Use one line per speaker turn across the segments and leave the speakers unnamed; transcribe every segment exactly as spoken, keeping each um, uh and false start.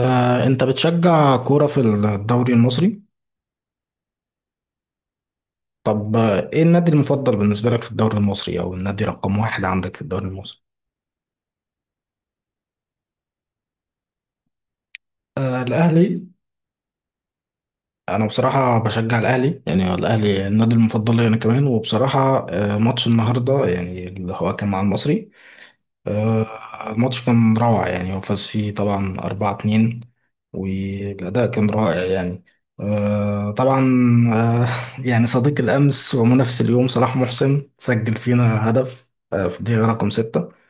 آه، انت بتشجع كورة في الدوري المصري؟ طب، آه، ايه النادي المفضل بالنسبة لك في الدوري المصري او النادي رقم واحد عندك في الدوري المصري؟ آه، الاهلي. انا بصراحة بشجع الاهلي، يعني الاهلي النادي المفضل لي انا كمان. وبصراحة آه ماتش النهاردة يعني اللي هو كان مع المصري. آه، الماتش كان روعة، يعني هو فاز فيه طبعا أربعة اتنين. والأداء كان رائع يعني. آه، طبعا. آه، يعني صديق الأمس ومنافس اليوم صلاح محسن سجل فينا هدف. آه، في الدقيقة رقم ستة.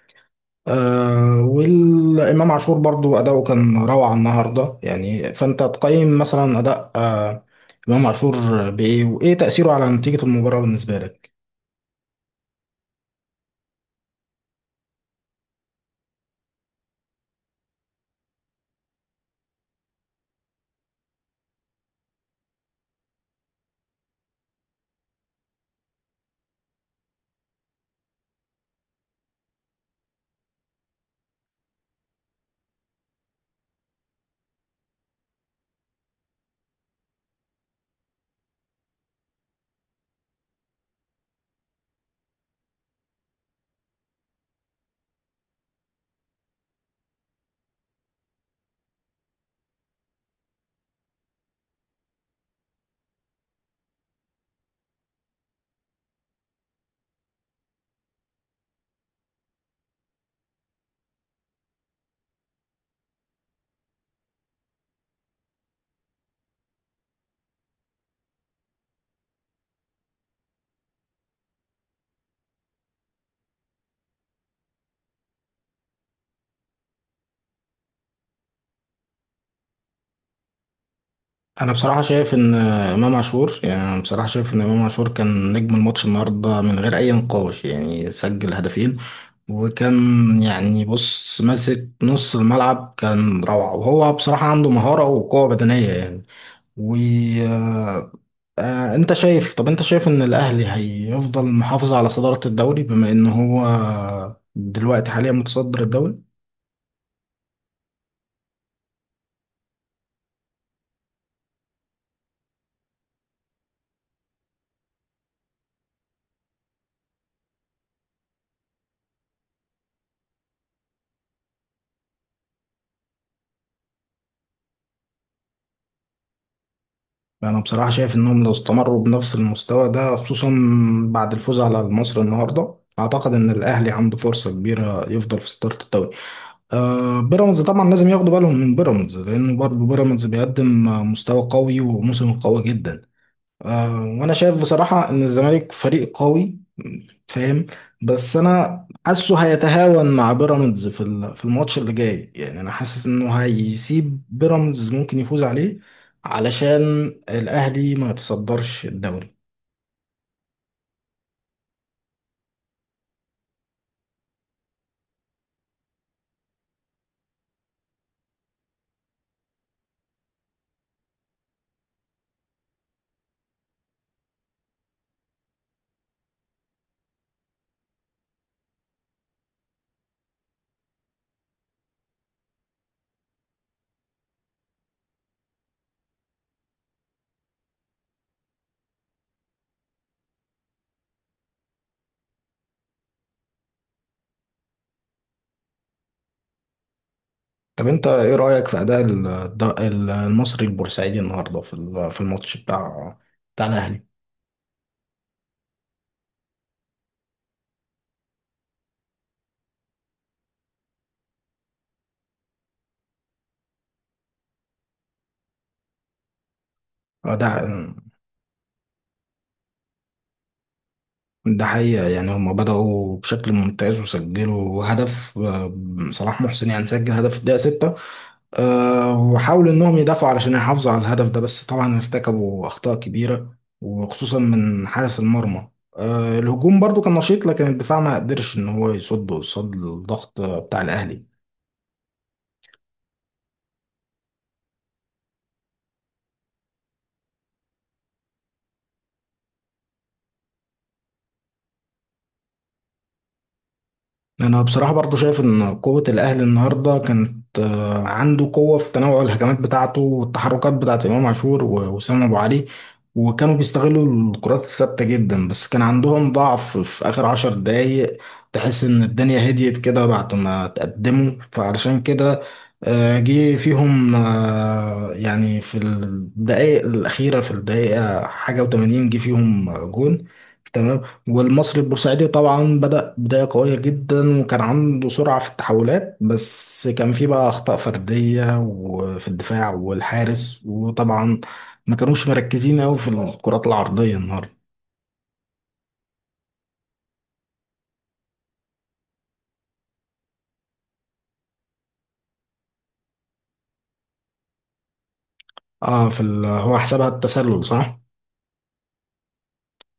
آه، والإمام عاشور برضو أداؤه كان روعة النهاردة، يعني فأنت تقيم مثلا أداء آه، إمام عاشور بإيه؟ وإيه تأثيره على نتيجة المباراة بالنسبة لك؟ انا بصراحه شايف ان امام عاشور يعني أنا بصراحه شايف ان امام عاشور كان نجم الماتش النهارده من غير اي نقاش، يعني سجل هدفين. وكان، يعني بص، ماسك نص الملعب، كان روعه. وهو بصراحه عنده مهاره وقوه بدنيه يعني. وانت شايف طب انت شايف ان الاهلي هيفضل محافظ على صداره الدوري، بما ان هو دلوقتي حاليا متصدر الدوري؟ انا بصراحه شايف انهم لو استمروا بنفس المستوى ده، خصوصا بعد الفوز على مصر النهارده، اعتقد ان الاهلي عنده فرصه كبيره يفضل في صداره الدوري. آه بيراميدز طبعا لازم ياخدوا بالهم من بيراميدز، لانه برضه بيراميدز بيقدم مستوى قوي وموسم قوي جدا. آه، وانا شايف بصراحة ان الزمالك فريق قوي. فاهم. بس انا حاسه هيتهاون مع بيراميدز في ال- في الماتش اللي جاي، يعني انا حاسس انه هيسيب بيراميدز ممكن يفوز عليه علشان الاهلي ما يتصدرش الدوري. طب انت ايه رأيك في اداء ال- الد- المصري البورسعيدي النهارده في ال- في الماتش بتاع بتاع الاهلي؟ اداء ده حقيقة، يعني هما بدأوا بشكل ممتاز وسجلوا هدف. آه، صلاح محسن يعني سجل هدف في الدقيقة ستة. آه، وحاولوا إنهم يدافعوا علشان يحافظوا على الهدف ده، بس طبعا ارتكبوا أخطاء كبيرة، وخصوصا من حارس المرمى. آه، الهجوم برضو كان نشيط، لكن الدفاع ما قدرش إن هو يصد قصاد الضغط آه، بتاع الأهلي. انا بصراحه برضو شايف ان قوه الاهلي النهارده كانت آه، عنده قوه في تنوع الهجمات بتاعته والتحركات بتاعت امام عاشور ووسام ابو علي. وكانوا بيستغلوا الكرات الثابته جدا، بس كان عندهم ضعف في اخر عشر دقايق. تحس ان الدنيا هديت كده بعد ما تقدموا، فعلشان كده آه، جه فيهم. آه، يعني في الدقائق الاخيره، في الدقيقه حاجه و80 جه فيهم جون. تمام. والمصري البورسعيدي طبعا بدأ بداية قوية جدا، وكان عنده سرعة في التحولات، بس كان فيه بقى أخطاء فردية، وفي الدفاع والحارس، وطبعا ما كانوش مركزين أوي في الكرات العرضية النهاردة. اه، في ال... هو حسبها التسلل، صح؟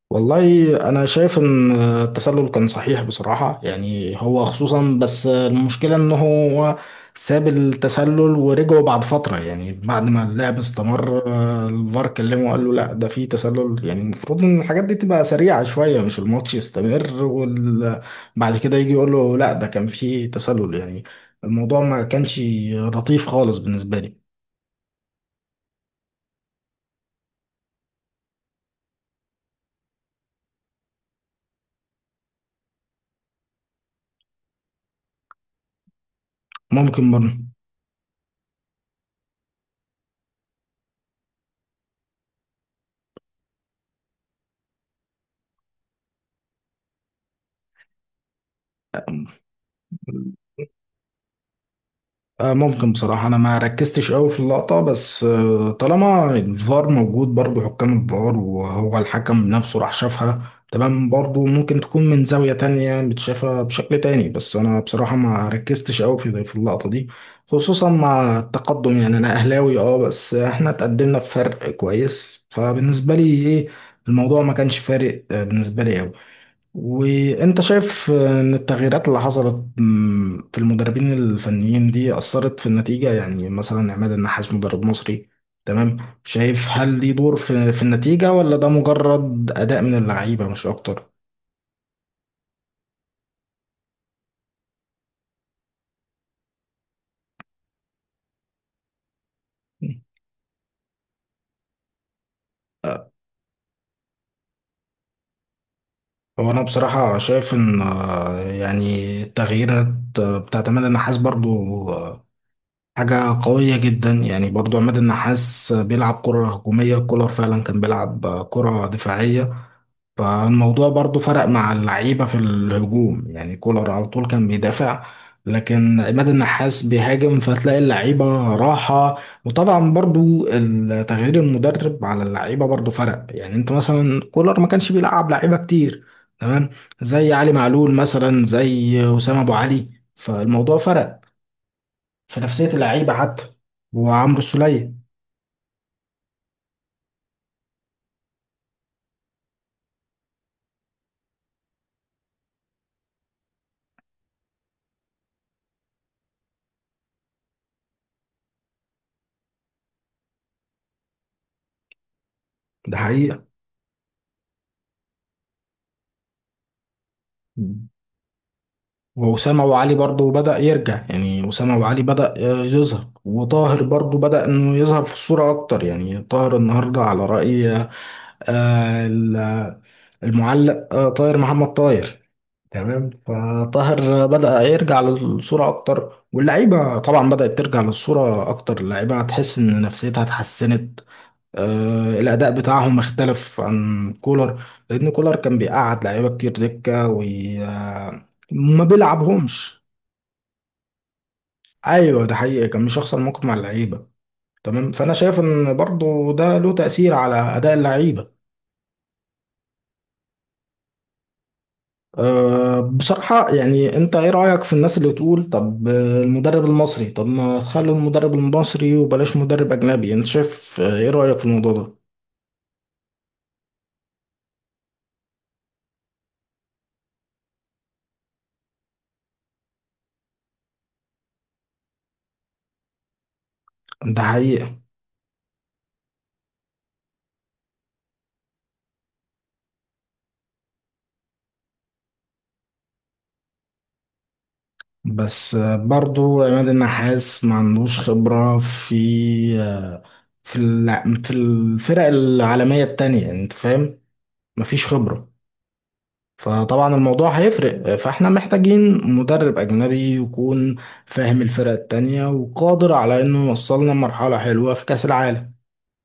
والله انا شايف ان التسلل كان صحيح بصراحة، يعني هو خصوصا، بس المشكلة ان هو ساب التسلل ورجعوا بعد فترة، يعني بعد ما اللعب استمر آه، الفار كلمه وقال له لا ده في تسلل. يعني المفروض ان الحاجات دي تبقى سريعة شوية، مش الماتش يستمر وبعد كده يجي يقول له لا ده كان في تسلل يعني. الموضوع ما كانش لطيف خالص بالنسبة لي. ممكن برضه. آه، ممكن بصراحة، أنا ما ركزتش أوي في اللقطة، بس آه، طالما الفار موجود، برضه حكام الفار وهو الحكم نفسه راح شافها. تمام، برضه ممكن تكون من زاوية تانية متشافة بشكل تاني، بس أنا بصراحة ما ركزتش أوي في في اللقطة دي، خصوصا مع التقدم، يعني أنا أهلاوي أه، بس إحنا اتقدمنا بفرق كويس، فبالنسبة لي، إيه، الموضوع ما كانش فارق آه، بالنسبة لي أوي. وانت شايف ان التغييرات اللي حصلت مم، في المدربين الفنيين دي اثرت في النتيجه، يعني مثلا عماد النحاس مدرب مصري. تمام. شايف، هل ليه دور في في النتيجه، ولا ده مجرد اداء من اللعيبه مش اكتر؟ هو انا بصراحه شايف ان آه، يعني التغييرات آه، بتاعت عماد النحاس برضو آه، حاجه قويه جدا. يعني برضو عماد النحاس بيلعب كره هجوميه، كولر فعلا كان بيلعب آه، كره دفاعيه. فالموضوع برضو فرق مع اللعيبة في الهجوم، يعني كولر على طول كان بيدافع، لكن عماد النحاس بيهاجم فتلاقي اللعيبة راحة. وطبعا برضو ال- تغيير المدرب على اللعيبة برضو فرق، يعني انت مثلا كولر ما كانش بيلعب لعيبة كتير. تمام. زي علي معلول مثلا، زي أسامة أبو علي. فالموضوع فرق في نفسية اللعيبة حتى. وعمرو السولية. ده حقيقة. وأسامة أبو علي برضه بدأ يرجع، يعني أسامة أبو علي بدأ آه، يظهر. وطاهر برضه بدأ إنه يظهر في الصورة أكتر، يعني طاهر النهاردة على رأي آه، ال- المعلق، آه، طاهر محمد طاهر. تمام، فطاهر بدأ يرجع للصورة أكتر، واللعيبة طبعا بدأت ترجع للصورة أكتر، اللعيبة هتحس إن نفسيتها اتحسنت. آه، الأداء بتاعهم اختلف عن كولر، لأن كولر كان بيقعد لعيبة كتير دكة وما بيلعبهمش. ايوه، ده حقيقي، كان مش هيحصل موقف مع اللعيبه. تمام، فانا شايف ان برضو ده له تاثير على اداء اللعيبه. أه، بصراحه، يعني انت ايه رايك في الناس اللي تقول طب، آه، المدرب المصري، طب ما تخلوا المدرب المصري وبلاش مدرب اجنبي؟ انت شايف، آه، ايه رايك في الموضوع ده؟ ده حقيقه. بس آه، برضو عماد النحاس ما عندوش خبره في آه، في الع- في الفرق العالميه التانية، انت فاهم؟ مفيش خبره. فطبعا الموضوع هيفرق، فاحنا محتاجين مدرب أجنبي يكون فاهم الفرق التانية وقادر على إنه يوصلنا لمرحلة حلوة في كأس العالم.